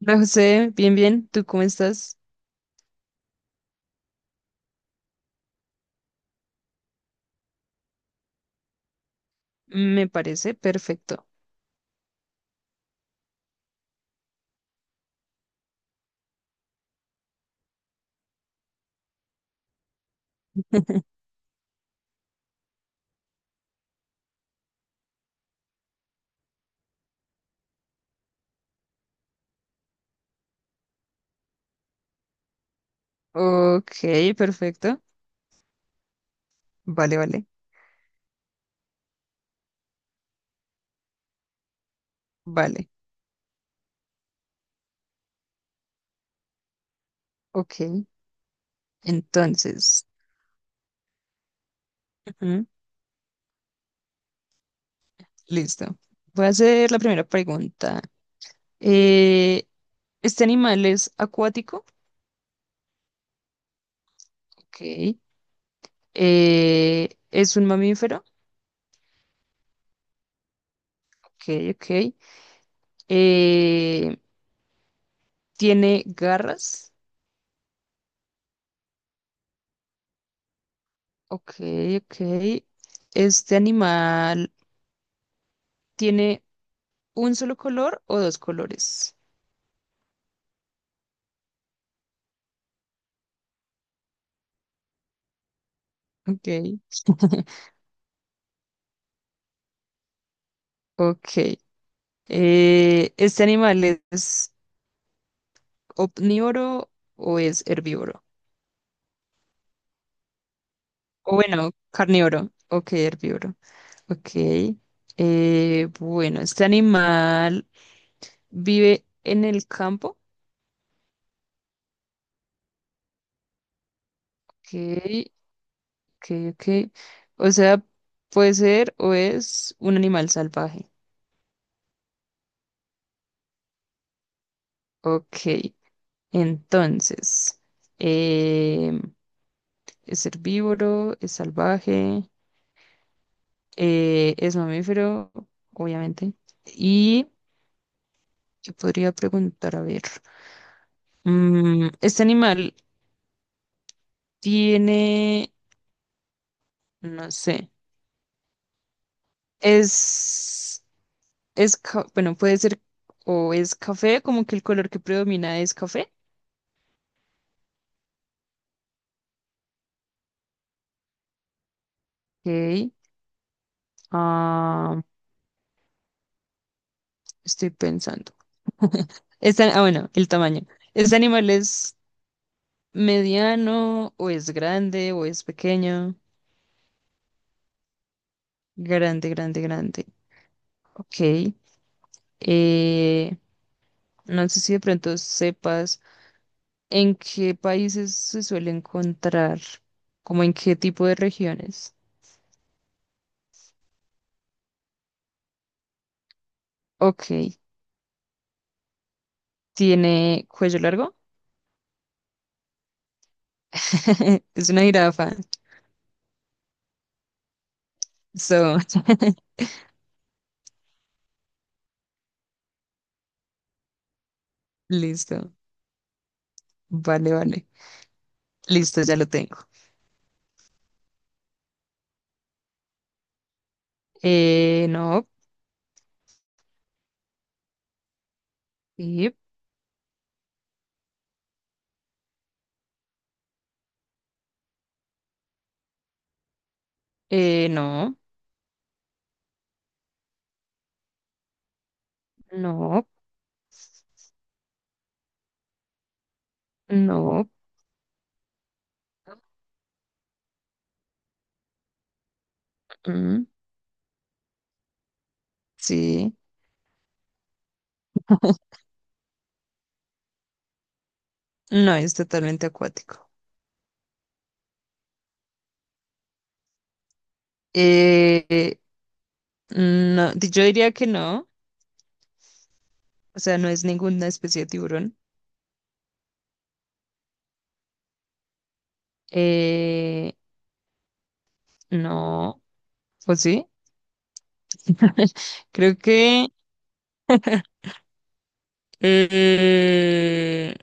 Hola José, bien, bien, ¿tú cómo estás? Me parece perfecto. Ok, perfecto. Vale, vale, vale. Ok, entonces, ujú, listo. Voy a hacer la primera pregunta. Eh, ¿Este animal es acuático? Ok. ¿Es un mamífero? Ok, ok. Eh, ¿Tiene garras? Ok, ok. ¿Este animal tiene un solo color o dos colores? Ok, ok. ¿Este animal es omnívoro o es herbívoro? O bueno, carnívoro. Ok, herbívoro. Ok. Bueno, ¿este animal vive en el campo? Ok, ok, ok. O sea, puede ser o es un animal salvaje. Ok, entonces, em, es herbívoro, es salvaje. Es mamífero, obviamente. Y yo podría preguntar, a ver, este animal tiene, no sé, es, bueno, puede ser o es café, como que el color que predomina es café. Ok, ah, estoy pensando. Ah, bueno, el tamaño. ¿Este animal es mediano o es grande o es pequeño? Grande, grande, grande. Ok. Eh, No sé si de pronto sepas en qué países se suele encontrar, como en qué tipo de regiones. Ok, ¿tiene cuello largo? Es una jirafa. So, listo. Vale, vale. Listo, ya lo tengo. No. Sí, no. No. No. Mm, sí. No, es totalmente acuático. Eh, no, yo diría que no. O sea, no es ninguna especie de tiburón. Eh, no, pues sí. Creo que eh,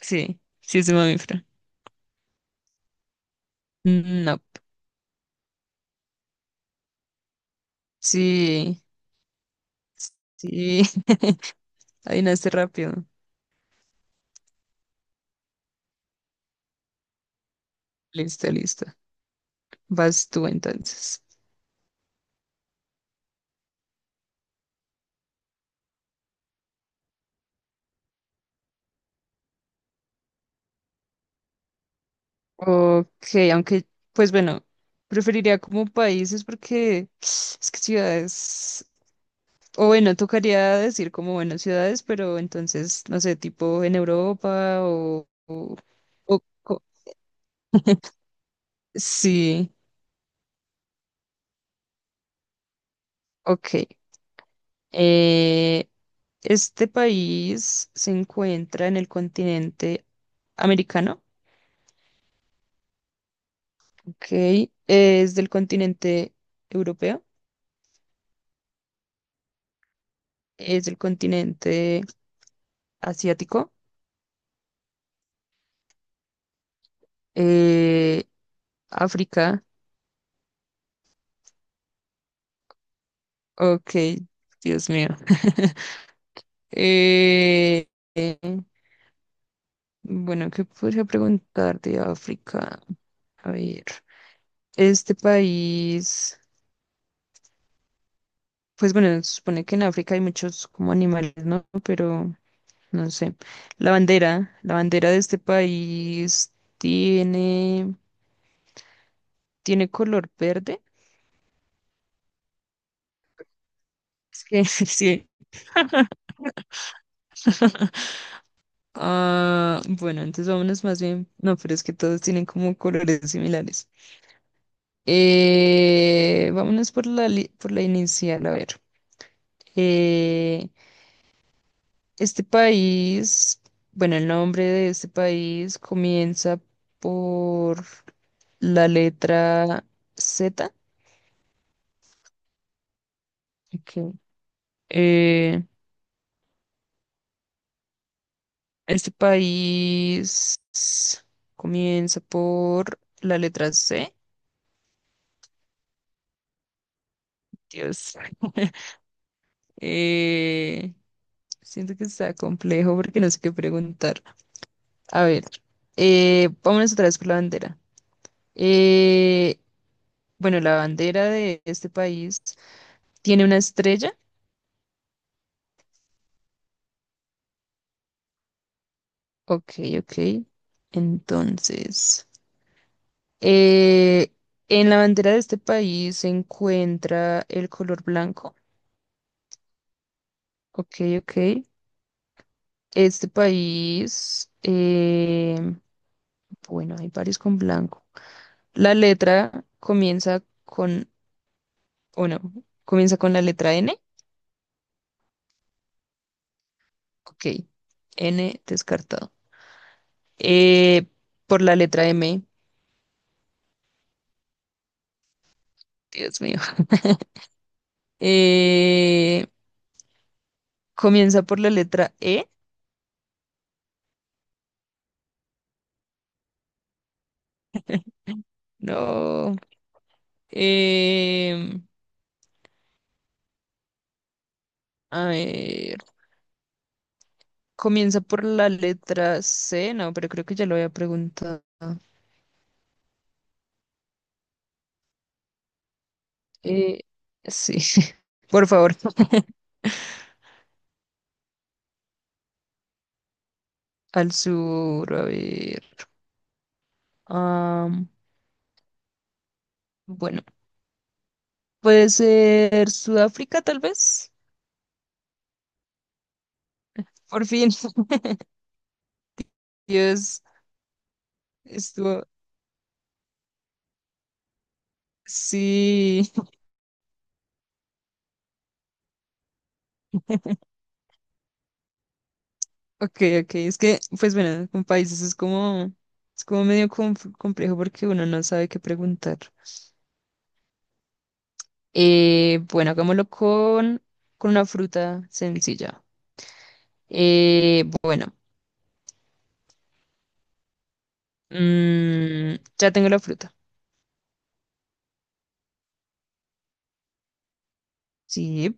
sí, sí es un mamífero. Mm, no, sí, sí, adivinaste rápido. Listo, listo. Vas tú entonces. Ok, aunque, pues bueno, preferiría como países porque es que ciudades. O bueno, tocaría decir como, bueno, ciudades, pero entonces, no sé, tipo en Europa o co- sí, ok. Eh, este país se encuentra en el continente americano, ok. Es del continente europeo, es del continente asiático, eh, África, ok, Dios mío. Eh, eh, bueno, ¿qué podría preguntar de África? A ver, este país, pues bueno, se supone que en África hay muchos como animales, ¿no? Pero no sé. La bandera de este país tiene, tiene color verde. Es que sí. Ah, bueno, entonces vámonos más bien. No, pero es que todos tienen como colores similares. Vámonos por la inicial, a ver. Eh, este país, bueno, el nombre de este país comienza por la letra Z. Ok. Eh, este país comienza por la letra C. Dios. Eh, siento que está complejo porque no sé qué preguntar. A ver, vámonos otra vez por la bandera. Eh, bueno, la bandera de este país, ¿tiene una estrella? Ok, ok. Entonces, eh, en la bandera de este país se encuentra el color blanco. Ok, ok. Este país, bueno, hay varios con blanco. La letra comienza con, o no, comienza con la letra N. Ok, N descartado. Eh, por la letra M, Dios mío. Eh, comienza por la letra E. No. Eh, a ver, comienza por la letra C, no, pero creo que ya lo había preguntado. Eh, sí, por favor, al sur, a ver. am, bueno, puede ser Sudáfrica, tal vez. Por fin, Dios, estuvo. Sí, ok, ok. Es que, pues bueno, con países es como medio complejo porque uno no sabe qué preguntar. Bueno, hagámoslo con una fruta sencilla. Bueno, ya tengo la fruta. Sí.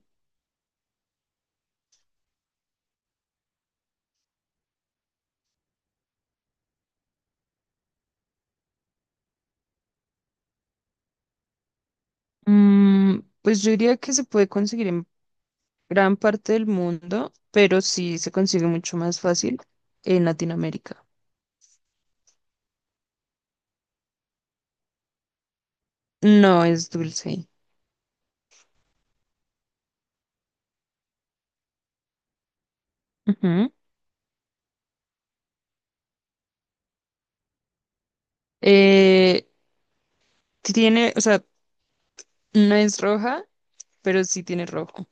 Pues yo diría que se puede conseguir en gran parte del mundo, pero sí se consigue mucho más fácil en Latinoamérica. No es dulce. Ujú. Eh, Tiene, o sea, no es roja, pero sí tiene rojo.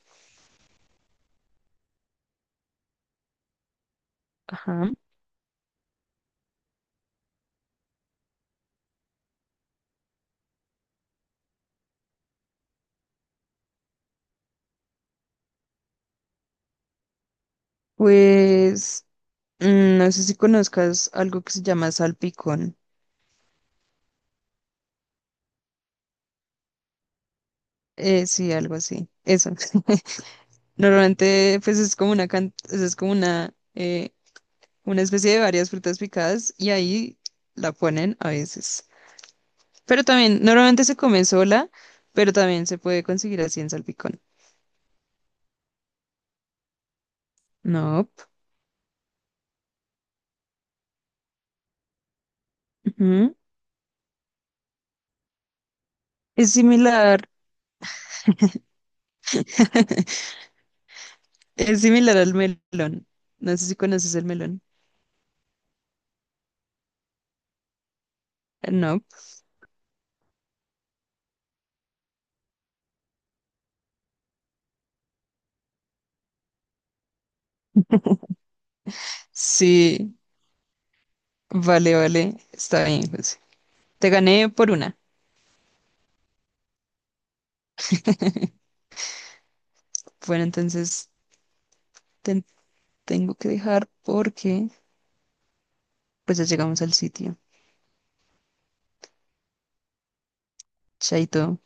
Ajá. Pues no sé si conozcas algo que se llama salpicón. Sí, algo así. Eso. Normalmente, pues es como o sea, es como una especie de varias frutas picadas y ahí la ponen a veces. Pero también, normalmente se come sola, pero también se puede conseguir así en salpicón. No. Ujú. Es similar, es similar al melón. No sé si conoces el melón. No. Sí, vale, vale. Está bien, José. Te gané por una. Bueno, entonces te tengo que dejar porque pues ya llegamos al sitio. Chaito.